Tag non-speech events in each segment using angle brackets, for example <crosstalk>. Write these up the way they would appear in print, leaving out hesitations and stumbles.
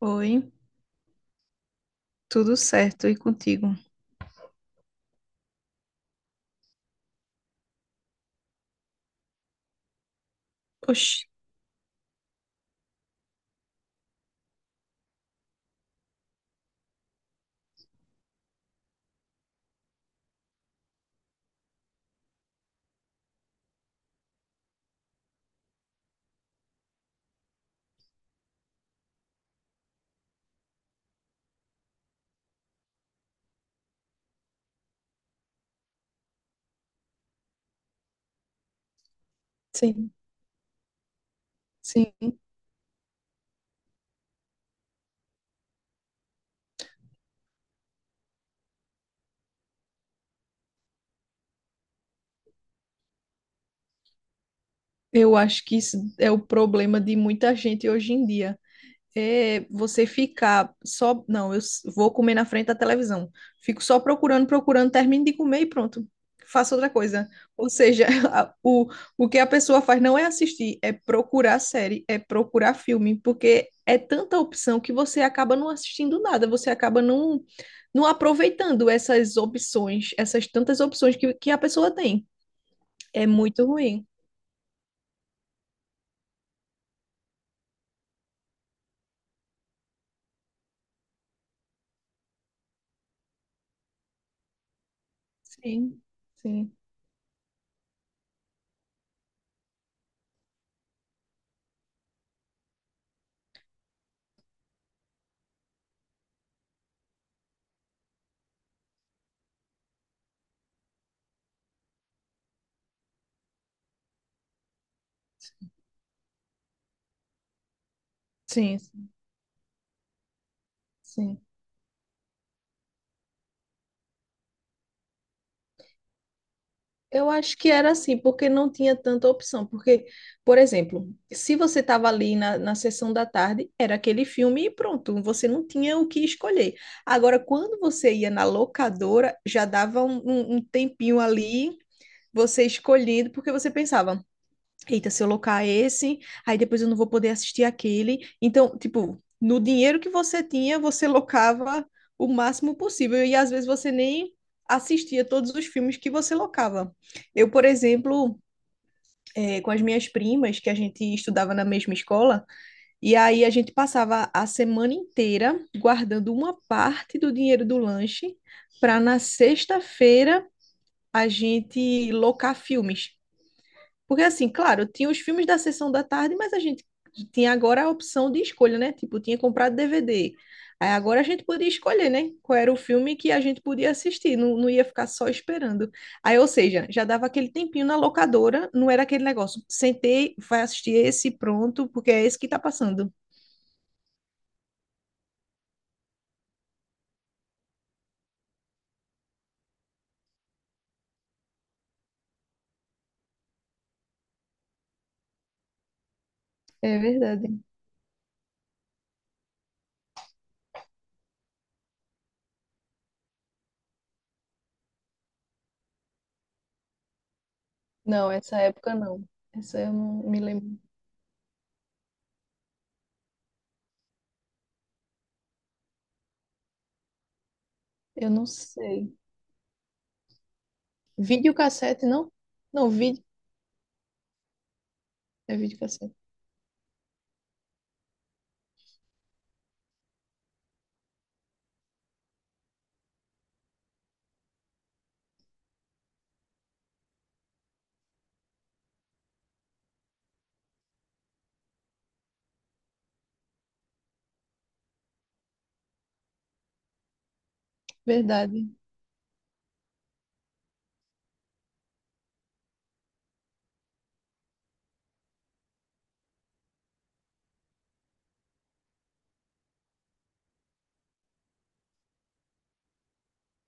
Oi, tudo certo e contigo? Oxe, sim, sim. Eu acho que isso é o problema de muita gente hoje em dia. É você ficar só. Não, vou comer na frente da televisão. Fico só procurando, termino de comer e pronto. Faço outra coisa. Ou seja, <laughs> a- o, o que a pessoa faz não é assistir, é procurar série, é procurar filme, porque é tanta opção que você acaba não assistindo nada, você acaba não, não aproveitando essas opções, essas tantas opções que a pessoa tem. É muito ruim. Sim, sim, sim, sim. Eu acho que era assim, porque não tinha tanta opção. Porque, por exemplo, se você estava ali na sessão da tarde, era aquele filme e pronto, você não tinha o que escolher. Agora, quando você ia na locadora, já dava um tempinho ali, você escolhendo, porque você pensava, eita, se eu locar esse, aí depois eu não vou poder assistir aquele. Então, tipo, no dinheiro que você tinha, você locava o máximo possível. E às vezes você nem assistia todos os filmes que você locava. Eu, por exemplo, com as minhas primas, que a gente estudava na mesma escola, e aí a gente passava a semana inteira guardando uma parte do dinheiro do lanche para na sexta-feira a gente locar filmes. Porque assim, claro, tinha os filmes da sessão da tarde, mas a gente tinha agora a opção de escolha, né? Tipo, tinha comprado DVD. Aí agora a gente podia escolher, né? Qual era o filme que a gente podia assistir, não ia ficar só esperando. Aí, ou seja, já dava aquele tempinho na locadora, não era aquele negócio, sentei, vai assistir esse, pronto, porque é esse que tá passando. É verdade. Não, essa época não. Essa eu não me lembro. Eu não sei. Videocassete, não? Não, vídeo. É videocassete. Verdade.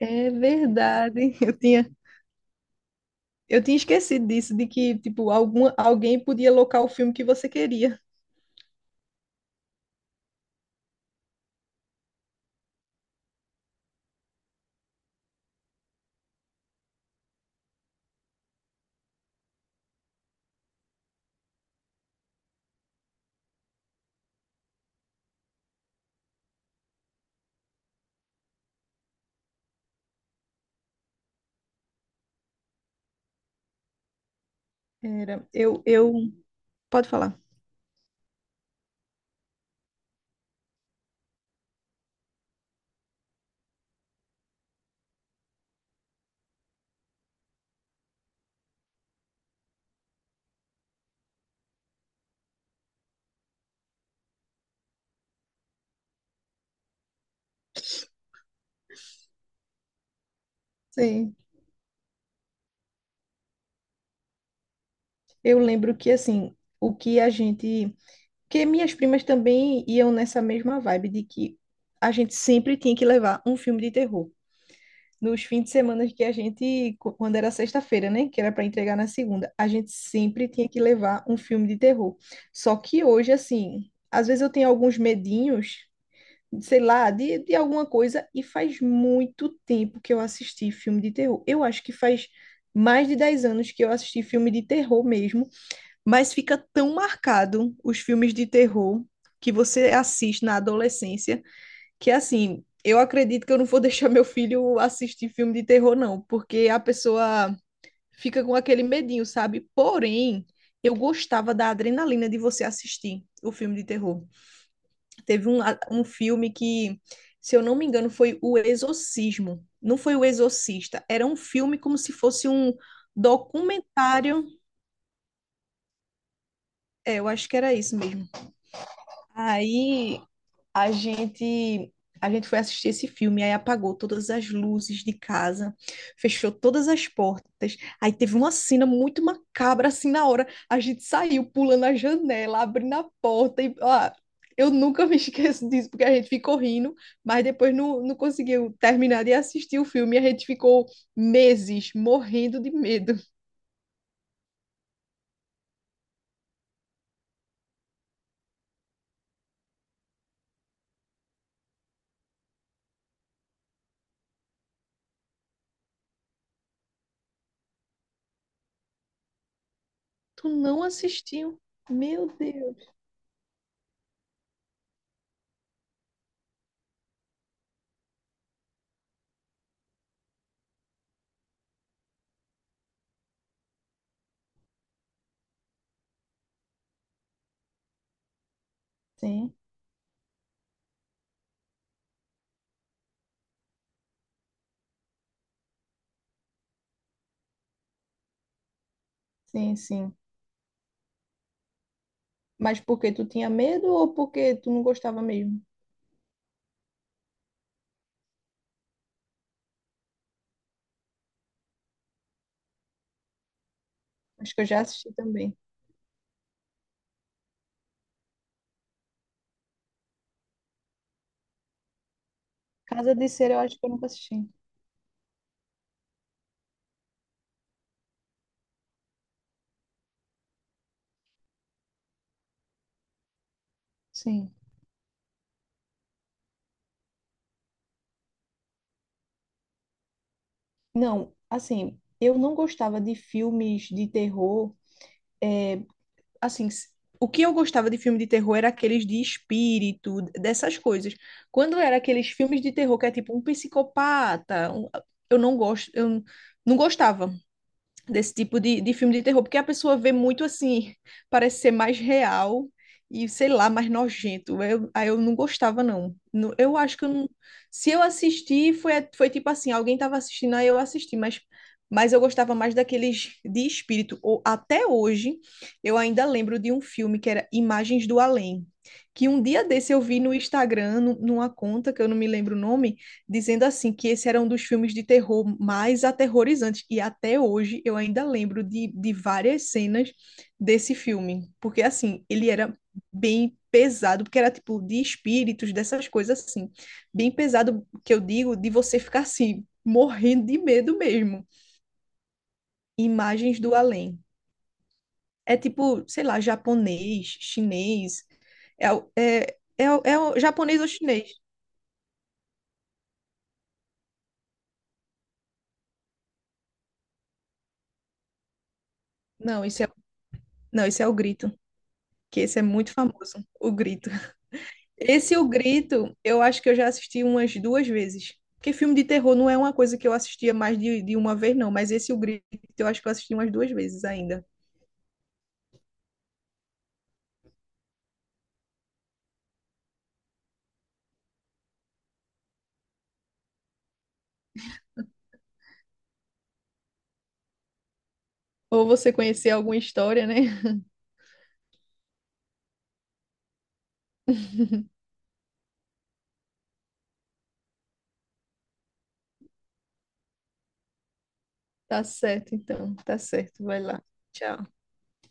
É verdade. <laughs> Eu tinha esquecido disso, de que, tipo, alguma, alguém podia locar o filme que você queria. Era, pode falar. Sim. Eu lembro que, assim, o que a gente porque minhas primas também iam nessa mesma vibe de que a gente sempre tinha que levar um filme de terror. Nos fins de semana que quando era sexta-feira, né, que era para entregar na segunda, a gente sempre tinha que levar um filme de terror. Só que hoje, assim, às vezes eu tenho alguns medinhos, sei lá, de alguma coisa, e faz muito tempo que eu assisti filme de terror. Eu acho que faz mais de 10 anos que eu assisti filme de terror mesmo, mas fica tão marcado os filmes de terror que você assiste na adolescência, que assim, eu acredito que eu não vou <laughs> deixar meu filho assistir filme de terror, não, porque a pessoa fica com aquele medinho, sabe? Porém, eu gostava da adrenalina de você assistir o filme de terror. Teve um filme que, se eu não me engano, foi O Exorcismo. Não foi O Exorcista, era um filme como se fosse um documentário. É, eu acho que era isso mesmo. Aí A gente, a gente foi assistir esse filme, aí apagou todas as luzes de casa, fechou todas as portas. Aí teve uma cena muito macabra assim na hora. A gente saiu pulando a janela, abrindo a porta e ó, eu nunca me <laughs> esqueço disso porque a gente ficou rindo, mas depois não conseguiu terminar de assistir o filme e a gente ficou meses morrendo de medo. Tu não assistiu? Meu Deus. Sim, sim, sim. Mas porque tu tinha medo ou porque tu não gostava mesmo? Acho que eu já assisti também. Casa de Cera, eu acho que eu nunca assisti. Sim. Não, assim, eu não gostava de filmes de terror. Assim, s- o que eu gostava de filme de terror era aqueles de espírito, dessas coisas. Quando era aqueles filmes de terror que é tipo um psicopata, eu não gosto, eu não gostava desse tipo de filme de terror, porque a pessoa vê muito assim, parece ser mais real e, sei lá, mais nojento. Eu não gostava, não. Eu acho que eu não... Se eu assisti, foi tipo assim, alguém estava assistindo, aí eu assisti, mas eu gostava mais daqueles de espírito. Ou, até hoje, eu ainda lembro de um filme que era Imagens do Além, que um dia desse eu vi no Instagram, numa conta, que eu não me lembro o nome, dizendo assim que esse era um dos filmes de terror mais aterrorizantes. E até hoje eu ainda lembro de várias cenas desse filme. Porque assim, ele era bem pesado, porque era tipo de espíritos, dessas coisas assim. Bem pesado, que eu digo, de você ficar assim, morrendo de medo mesmo. Imagens do além. É tipo, sei lá, japonês, chinês. É o japonês ou chinês? Não, isso é, não, isso é o grito, que esse é muito famoso, o grito. Esse O Grito, eu acho que eu já assisti umas duas vezes. Porque filme de terror não é uma coisa que eu assistia mais de uma vez, não. Mas esse O Grito, eu acho que eu assisti umas duas vezes ainda. Ou você conhecer alguma história, né? <laughs> Tá certo, então. Tá certo. Vai lá. Tchau.